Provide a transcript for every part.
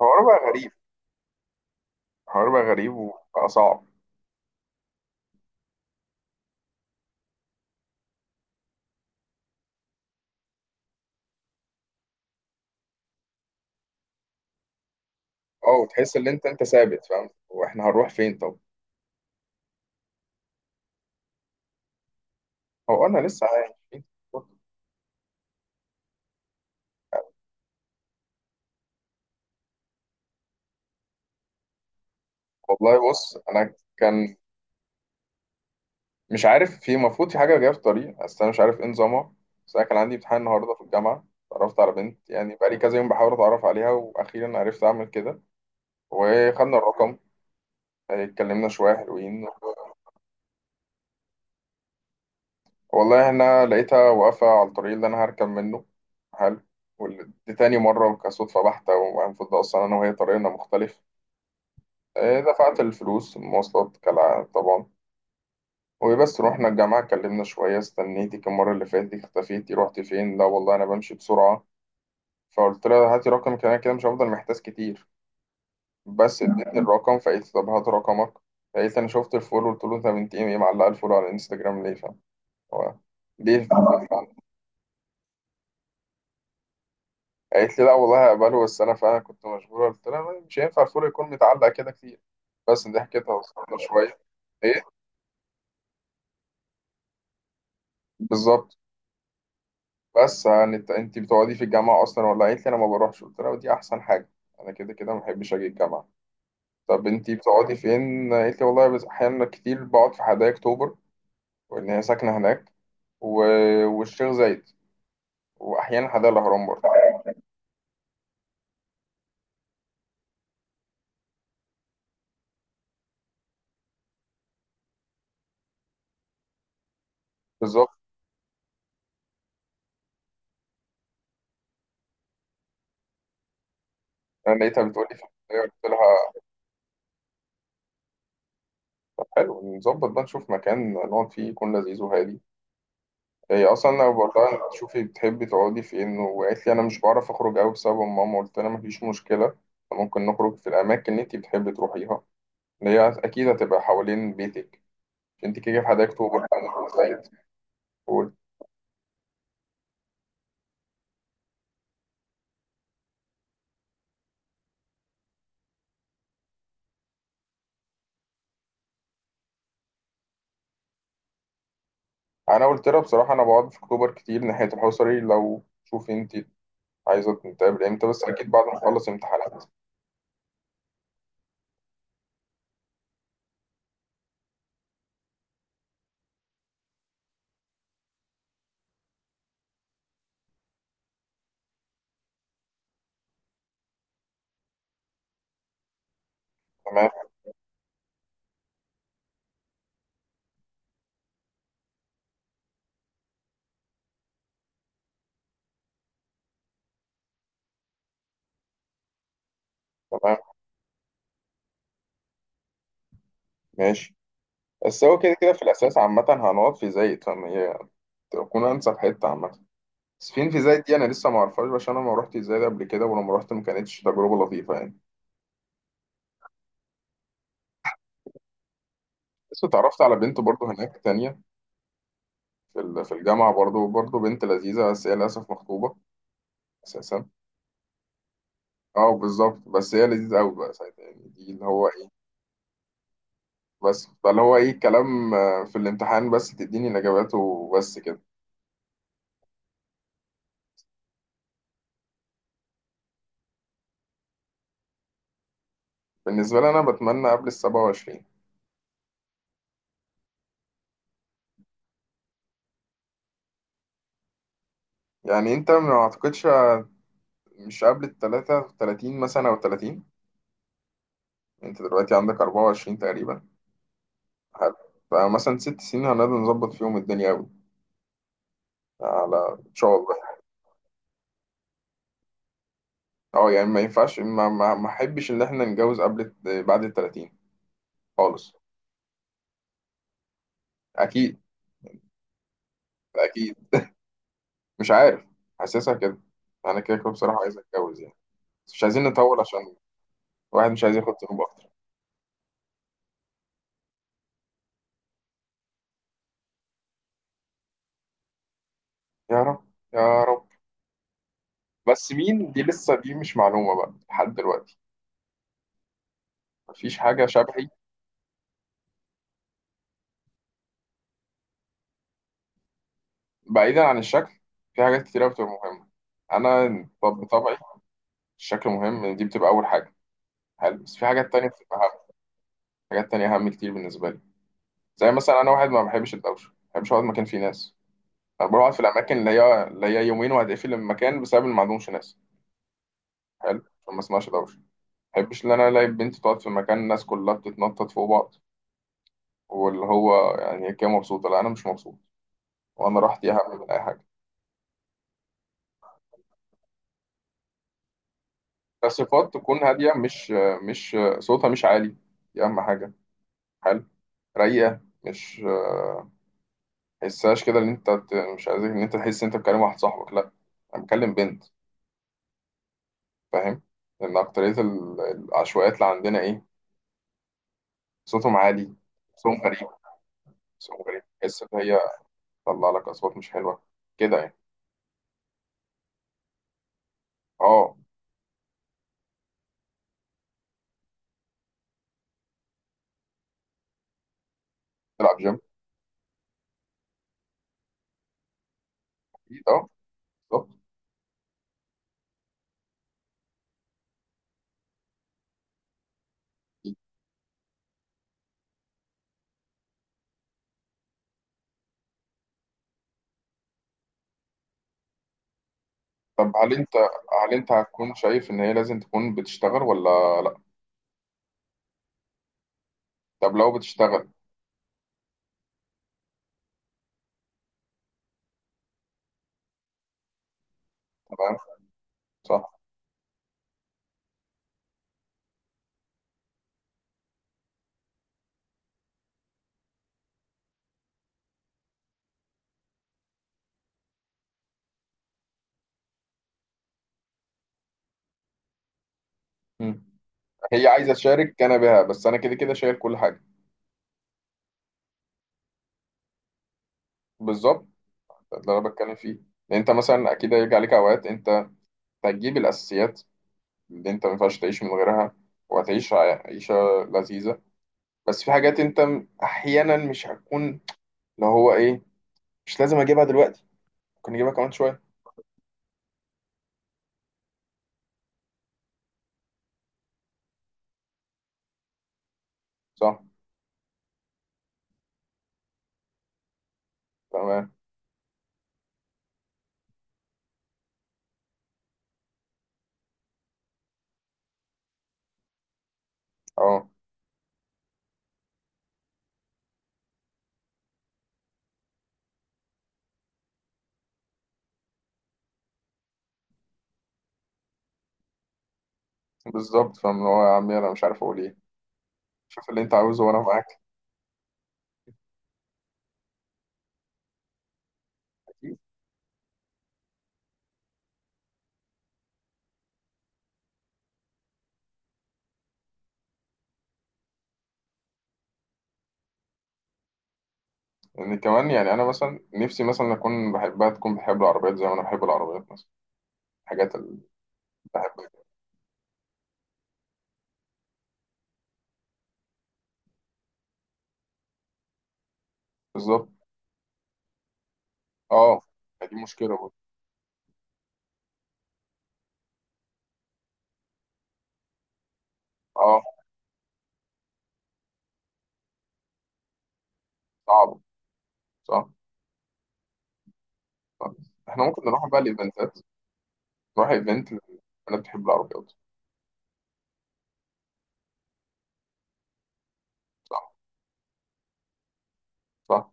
حوار بقى غريب. حوار بقى غريب وبقى صعب. اه، وتحس ان انت ثابت، فاهم؟ واحنا هنروح فين؟ طب، هو انا لسه عايش. والله بص، انا كان مش عارف، في المفروض في حاجه جايه في الطريق، بس انا مش عارف ايه نظامها. بس انا كان عندي امتحان النهارده في الجامعه. اتعرفت على بنت، يعني بقالي كذا يوم بحاول اتعرف عليها واخيرا عرفت اعمل كده. وخدنا الرقم، اتكلمنا شويه حلوين. والله انا لقيتها واقفة على الطريق اللي انا هركب منه. حلو. دي تاني مرة كصدفة بحتة، والمفروض اصلا انا وهي طريقنا مختلف. دفعت الفلوس المواصلات كالعادة طبعا. وبس رحنا الجامعة، اتكلمنا شوية. استنيتك المرة اللي فاتت، اختفيتي، رحتي فين؟ لا والله انا بمشي بسرعة. فقلت لها هاتي رقمك، انا كده مش هفضل محتاس كتير. بس ادتني الرقم، فقلت طب هات رقمك. فقلت انا شفت الفولو، قلت له انت بنت ايه معلقة الفولو على الانستجرام ليه؟ فاهم؟ هو ليه؟ قالت لي لا والله هقبله، بس انا فعلا كنت مشغوله. قلت لها طيب، مش هينفع الفول يكون متعلق كده كتير. بس دي حكيتها، وصلنا شويه. ايه؟ بالظبط. بس يعني انت بتقعدي في الجامعه اصلا ولا؟ قالت لي انا ما بروحش. قلت لها ودي احسن حاجه، انا كده كده ما بحبش اجي الجامعه. طب انت بتقعدي فين؟ قالت لي والله بس احيانا كتير بقعد في حدائق اكتوبر، وان هي ساكنه هناك. و... والشيخ زايد، واحيانا حدائق الاهرام برضه. بالظبط. انا لقيتها بتقول لي في الحدائق، قلت لها حلو، نظبط بقى نشوف مكان نقعد فيه يكون لذيذ وهادي. هي اصلا لو بقولها انت شوفي بتحبي تقعدي فين، وقالت لي انا مش بعرف اخرج قوي بسبب ماما. قلت لها مفيش مشكله، ممكن نخرج في الاماكن اللي انت بتحبي تروحيها، اللي هي اكيد هتبقى حوالين بيتك. انت كده في حدائق اكتوبر، انا في الصعيد. قول- انا قلت لها بصراحه انا بقعد في اكتوبر كتير ناحيه الحصري، لو شوفي انت عايزه نتقابل امتى؟ بس اكيد بعد ما اخلص امتحانات. تمام. تمام. ماشي. بس هو كده كده في الاساس عامه هنقعد في زايد، فما هي تكون انسب حته عامه. سفين في زايد دي انا لسه ما اعرفهاش، عشان انا ما روحتش زايد قبل كده، ولما روحت ما كانتش تجربه لطيفه يعني. بس اتعرفت على بنت برضو هناك تانية، في الجامعه، برضو بنت لذيذه بس هي للاسف مخطوبه اساسا. اه بالظبط. بس هي لذيذه قوي بقى ساعتها، يعني دي اللي هو ايه. بس فاللي هو ايه كلام، في الامتحان بس تديني الاجابات وبس كده. بالنسبه لي انا بتمنى قبل ال 27. يعني انت ما اعتقدش، مش قبل ال 33 مثلا او 30. انت دلوقتي عندك 24 تقريبا. حلو. فمثلا 6 سنين هنقدر نظبط فيهم الدنيا أوي. على إن شاء الله. أه يعني ما ينفعش ما أحبش إن إحنا نتجوز بعد ال 30 خالص. أكيد. أكيد. مش عارف، حاسسها كده. أنا كده كده بصراحة عايز أتجوز يعني، بس مش عايزين نطول عشان الواحد مش عايز ياخد ذنوب أكتر. يا رب. يا رب. بس مين دي؟ لسه دي مش معلومة بقى لحد دلوقتي. مفيش حاجة شبهي. بعيدا عن الشكل، في حاجات كتير أوي بتبقى مهمة. أنا بطبعي، الشكل مهم، دي بتبقى أول حاجة. حلو، بس في حاجات تانية بتبقى أهم. حاجات تانية أهم كتير بالنسبة لي. زي مثلا أنا واحد ما بحبش الدوشة، ما بحبش أقعد مكان فيه ناس. أنا بقعد في الأماكن اللي هي اللي هي يومين وهتقفل المكان بسبب إن ما عندهمش ناس، حلو عشان ما اسمعش دوشة. ما بحبش إن أنا ألاقي بنت تقعد في مكان الناس كلها بتتنطط فوق بعض، واللي هو يعني هي كده مبسوطة، لا أنا مش مبسوط. وأنا راحتي أهم من أي حاجة. بس صفات تكون هادية، مش صوتها مش عالي. دي أهم حاجة. حلو. رايقة، مش تحسهاش كده ان انت مش عايزك ان انت تحس ان انت بتكلم واحد صاحبك، لا، انا بكلم بنت، فاهم؟ لان اكتريه العشوائيات اللي عندنا ايه، صوتهم عالي. صوتهم غريب. صوتهم غريب، تحس ان هي تطلع لك اصوات مش حلوه كده يعني. اه تلعب جيم. اكيد اه. بالظبط. أكيد. طب هل انت، هل انت هتكون شايف ان هي لازم تكون بتشتغل ولا لا؟ طب لو بتشتغل. تمام. صح. مم. هي عايزه تشارك انا بها، بس انا كده كده شايل كل حاجه. بالظبط. ده اللي انا بتكلم فيه. لان انت مثلا اكيد هيجي عليك اوقات انت هتجيب الأساسيات اللي أنت ما ينفعش تعيش من غيرها، وهتعيش عيشة لذيذة. بس في حاجات أنت أحيانا مش هتكون، اللي هو إيه، مش لازم أجيبها دلوقتي، ممكن أجيبها كمان شوية. صح. تمام. أه بالظبط، فاهم؟ اللي هو يا عمي أنا مش عارف أقول إيه، شوف اللي أنت عاوزه وأنا معاك. لأن يعني كمان، يعني أنا مثلا نفسي مثلا أكون بحبها تكون بحب العربيات زي ما أنا بحب العربيات مثلا، الحاجات اللي بحبها. بالظبط. أه، دي مشكلة برضه. أه. صعبة. صح. صح. إحنا ممكن نروح بقى الإيفنتات، تروح ايفنت، انا بتحب العربيات. صح. صح.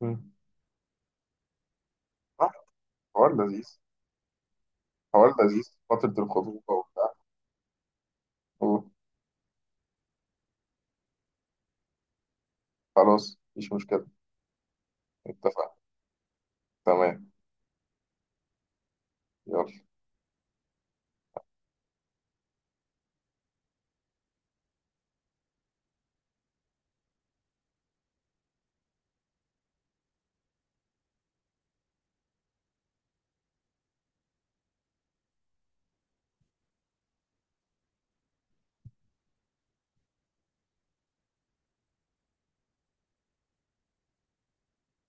مم. صح. حوار لذيذ. حوار لذيذ. فترة الخطوبة وبتاع. أوه. خلاص مفيش مشكلة. اتفق. تمام. يلا.